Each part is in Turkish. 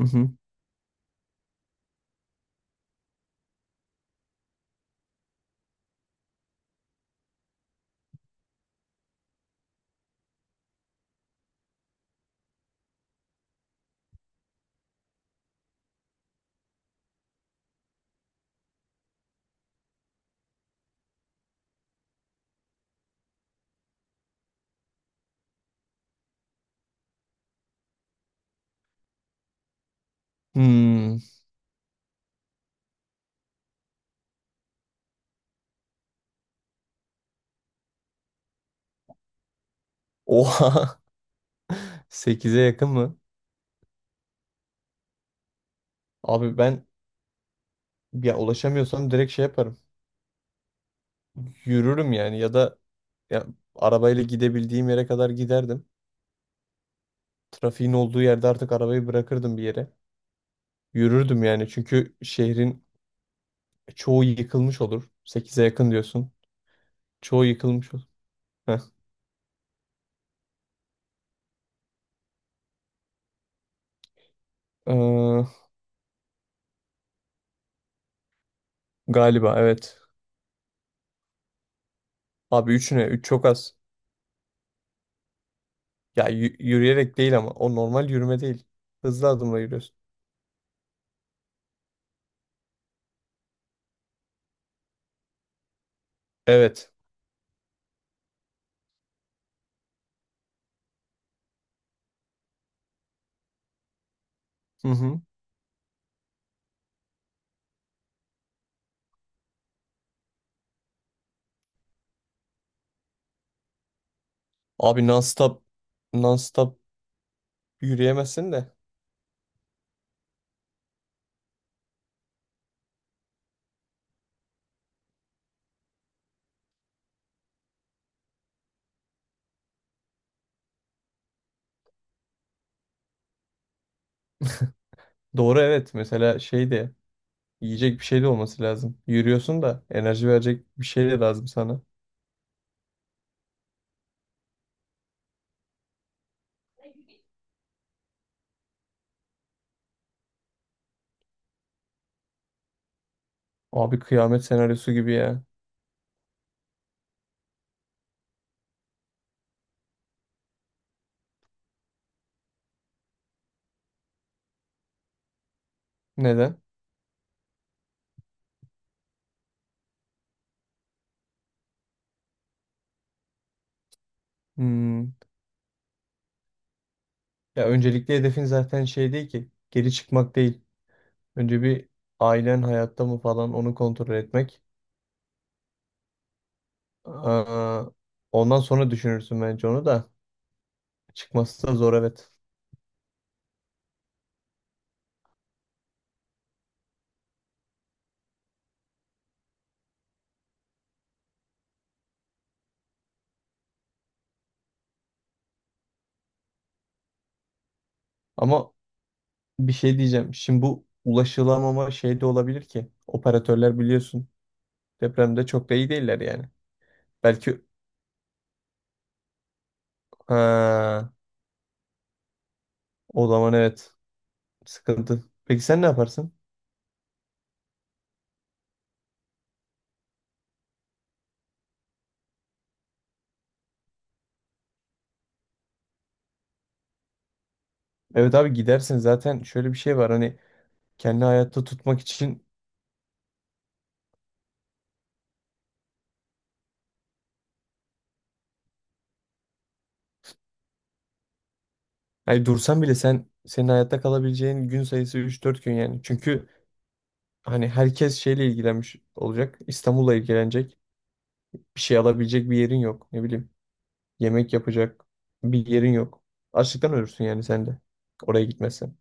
Hı hı. Hmm. Oha. Sekize yakın mı? Abi ben ya ulaşamıyorsam direkt şey yaparım. Yürürüm yani ya da ya arabayla gidebildiğim yere kadar giderdim. Trafiğin olduğu yerde artık arabayı bırakırdım bir yere. Yürürdüm yani çünkü şehrin çoğu yıkılmış olur. Sekize yakın diyorsun. Çoğu yıkılmış olur. Heh. Ee, Galiba evet. Abi 3 ne? Üç çok az. Ya yürüyerek değil ama o normal yürüme değil. Hızlı adımla yürüyorsun. Evet. Hı hı. Abi non-stop yürüyemezsin de. Doğru evet, mesela şey de yiyecek bir şey de olması lazım. Yürüyorsun da enerji verecek bir şey de lazım sana. Abi kıyamet senaryosu gibi ya. Neden? Hmm. Ya öncelikli hedefin zaten şey değil ki. Geri çıkmak değil. Önce bir ailen hayatta mı falan onu kontrol etmek. Aa, ondan sonra düşünürsün bence onu da. Çıkması da zor evet. Ama bir şey diyeceğim. Şimdi bu ulaşılamama şey de olabilir ki. Operatörler biliyorsun depremde çok da iyi değiller yani. Belki ha, o zaman evet sıkıntı. Peki sen ne yaparsın? Evet abi gidersin, zaten şöyle bir şey var hani, kendi hayatta tutmak için. Hani dursan bile sen senin hayatta kalabileceğin gün sayısı 3-4 gün yani. Çünkü hani herkes şeyle ilgilenmiş olacak. İstanbul'la ilgilenecek. Bir şey alabilecek bir yerin yok. Ne bileyim. Yemek yapacak bir yerin yok. Açlıktan ölürsün yani sen de. Oraya gitmezsen.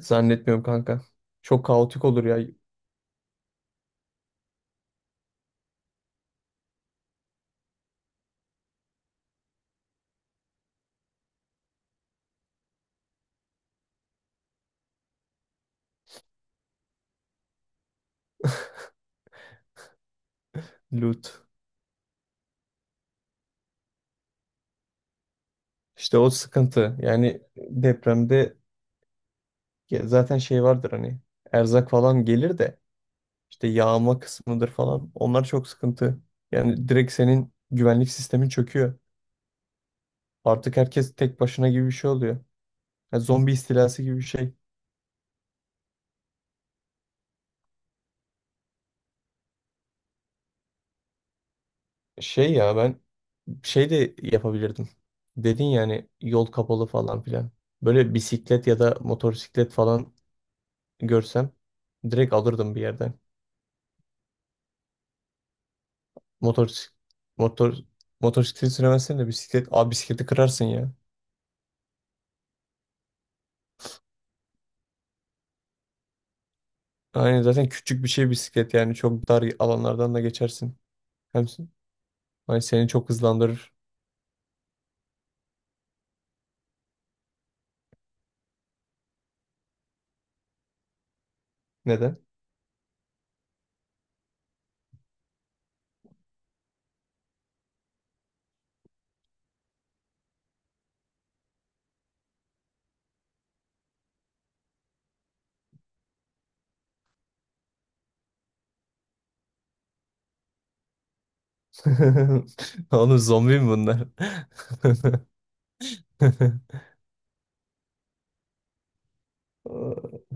Zannetmiyorum kanka. Çok kaotik olur ya. Loot. İşte o sıkıntı. Yani depremde ya zaten şey vardır hani. Erzak falan gelir de işte yağma kısmıdır falan. Onlar çok sıkıntı. Yani direkt senin güvenlik sistemin çöküyor. Artık herkes tek başına gibi bir şey oluyor. Ya zombi istilası gibi bir şey. Şey ya ben şey de yapabilirdim. Dedin yani yol kapalı falan filan. Böyle bisiklet ya da motosiklet falan görsem direkt alırdım bir yerden. Motor motor motosiklet süremezsen de bisiklet. Abi bisikleti kırarsın ya. Aynen, zaten küçük bir şey bisiklet yani çok dar alanlardan da geçersin. Hem, ay seni çok hızlandırır. Neden? Oğlum zombi mi bunlar?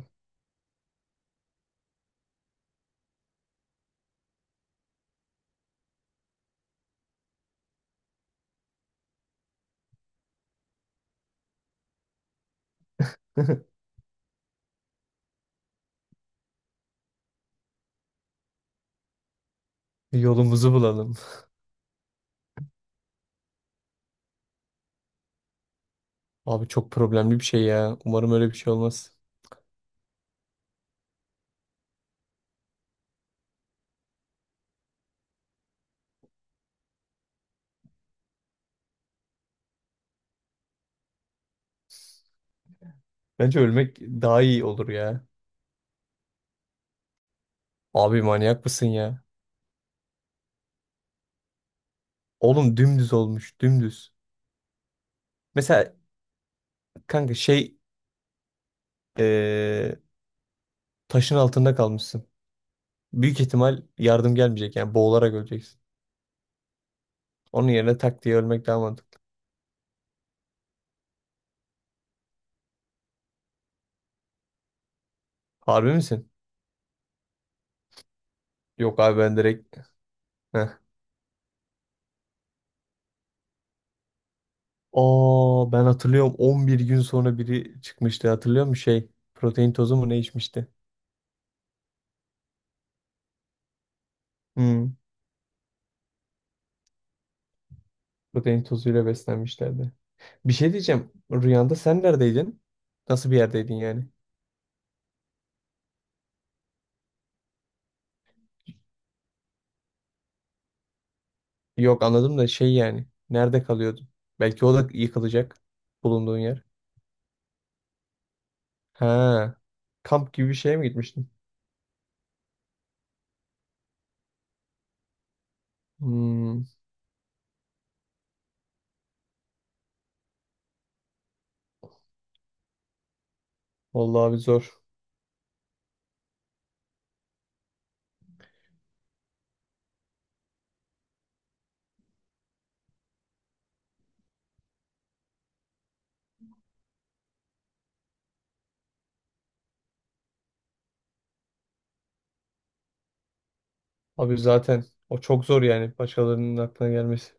Yolumuzu bulalım. Abi çok problemli bir şey ya. Umarım öyle bir şey olmaz. Bence ölmek daha iyi olur ya. Abi manyak mısın ya? Oğlum dümdüz olmuş, dümdüz. Mesela kanka şey, Ee, taşın altında kalmışsın. Büyük ihtimal yardım gelmeyecek yani boğularak öleceksin. Onun yerine tak diye ölmek daha mantıklı. Harbi misin? Yok abi ben direkt... Heh. Aa ben hatırlıyorum 11 gün sonra biri çıkmıştı, hatırlıyor musun şey? Protein tozu mu ne içmişti? Hmm. Protein tozuyla beslenmişlerdi. Bir şey diyeceğim. Rüyanda sen neredeydin? Nasıl bir yerdeydin yani? Yok anladım da şey yani. Nerede kalıyordun? Belki o da yıkılacak, bulunduğun yer. Ha, kamp gibi bir şeye mi gitmiştin? Hmm, vallahi abi zor. Abi zaten o çok zor yani başkalarının aklına gelmesi.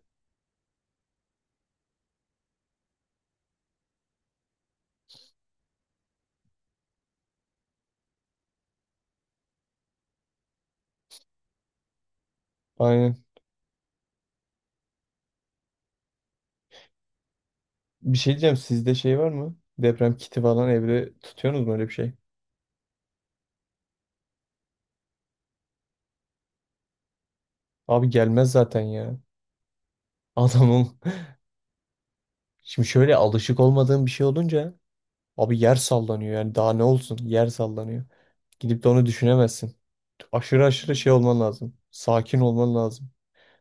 Aynen. Bir şey diyeceğim, sizde şey var mı? Deprem kiti falan evde tutuyorsunuz mu öyle bir şey? Abi gelmez zaten ya. Adamım. Şimdi şöyle alışık olmadığım bir şey olunca, abi yer sallanıyor yani daha ne olsun, yer sallanıyor. Gidip de onu düşünemezsin. Aşırı aşırı şey olman lazım. Sakin olman lazım.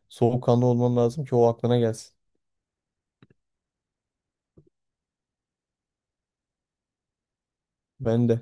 Soğukkanlı olman lazım ki o aklına gelsin. Ben de.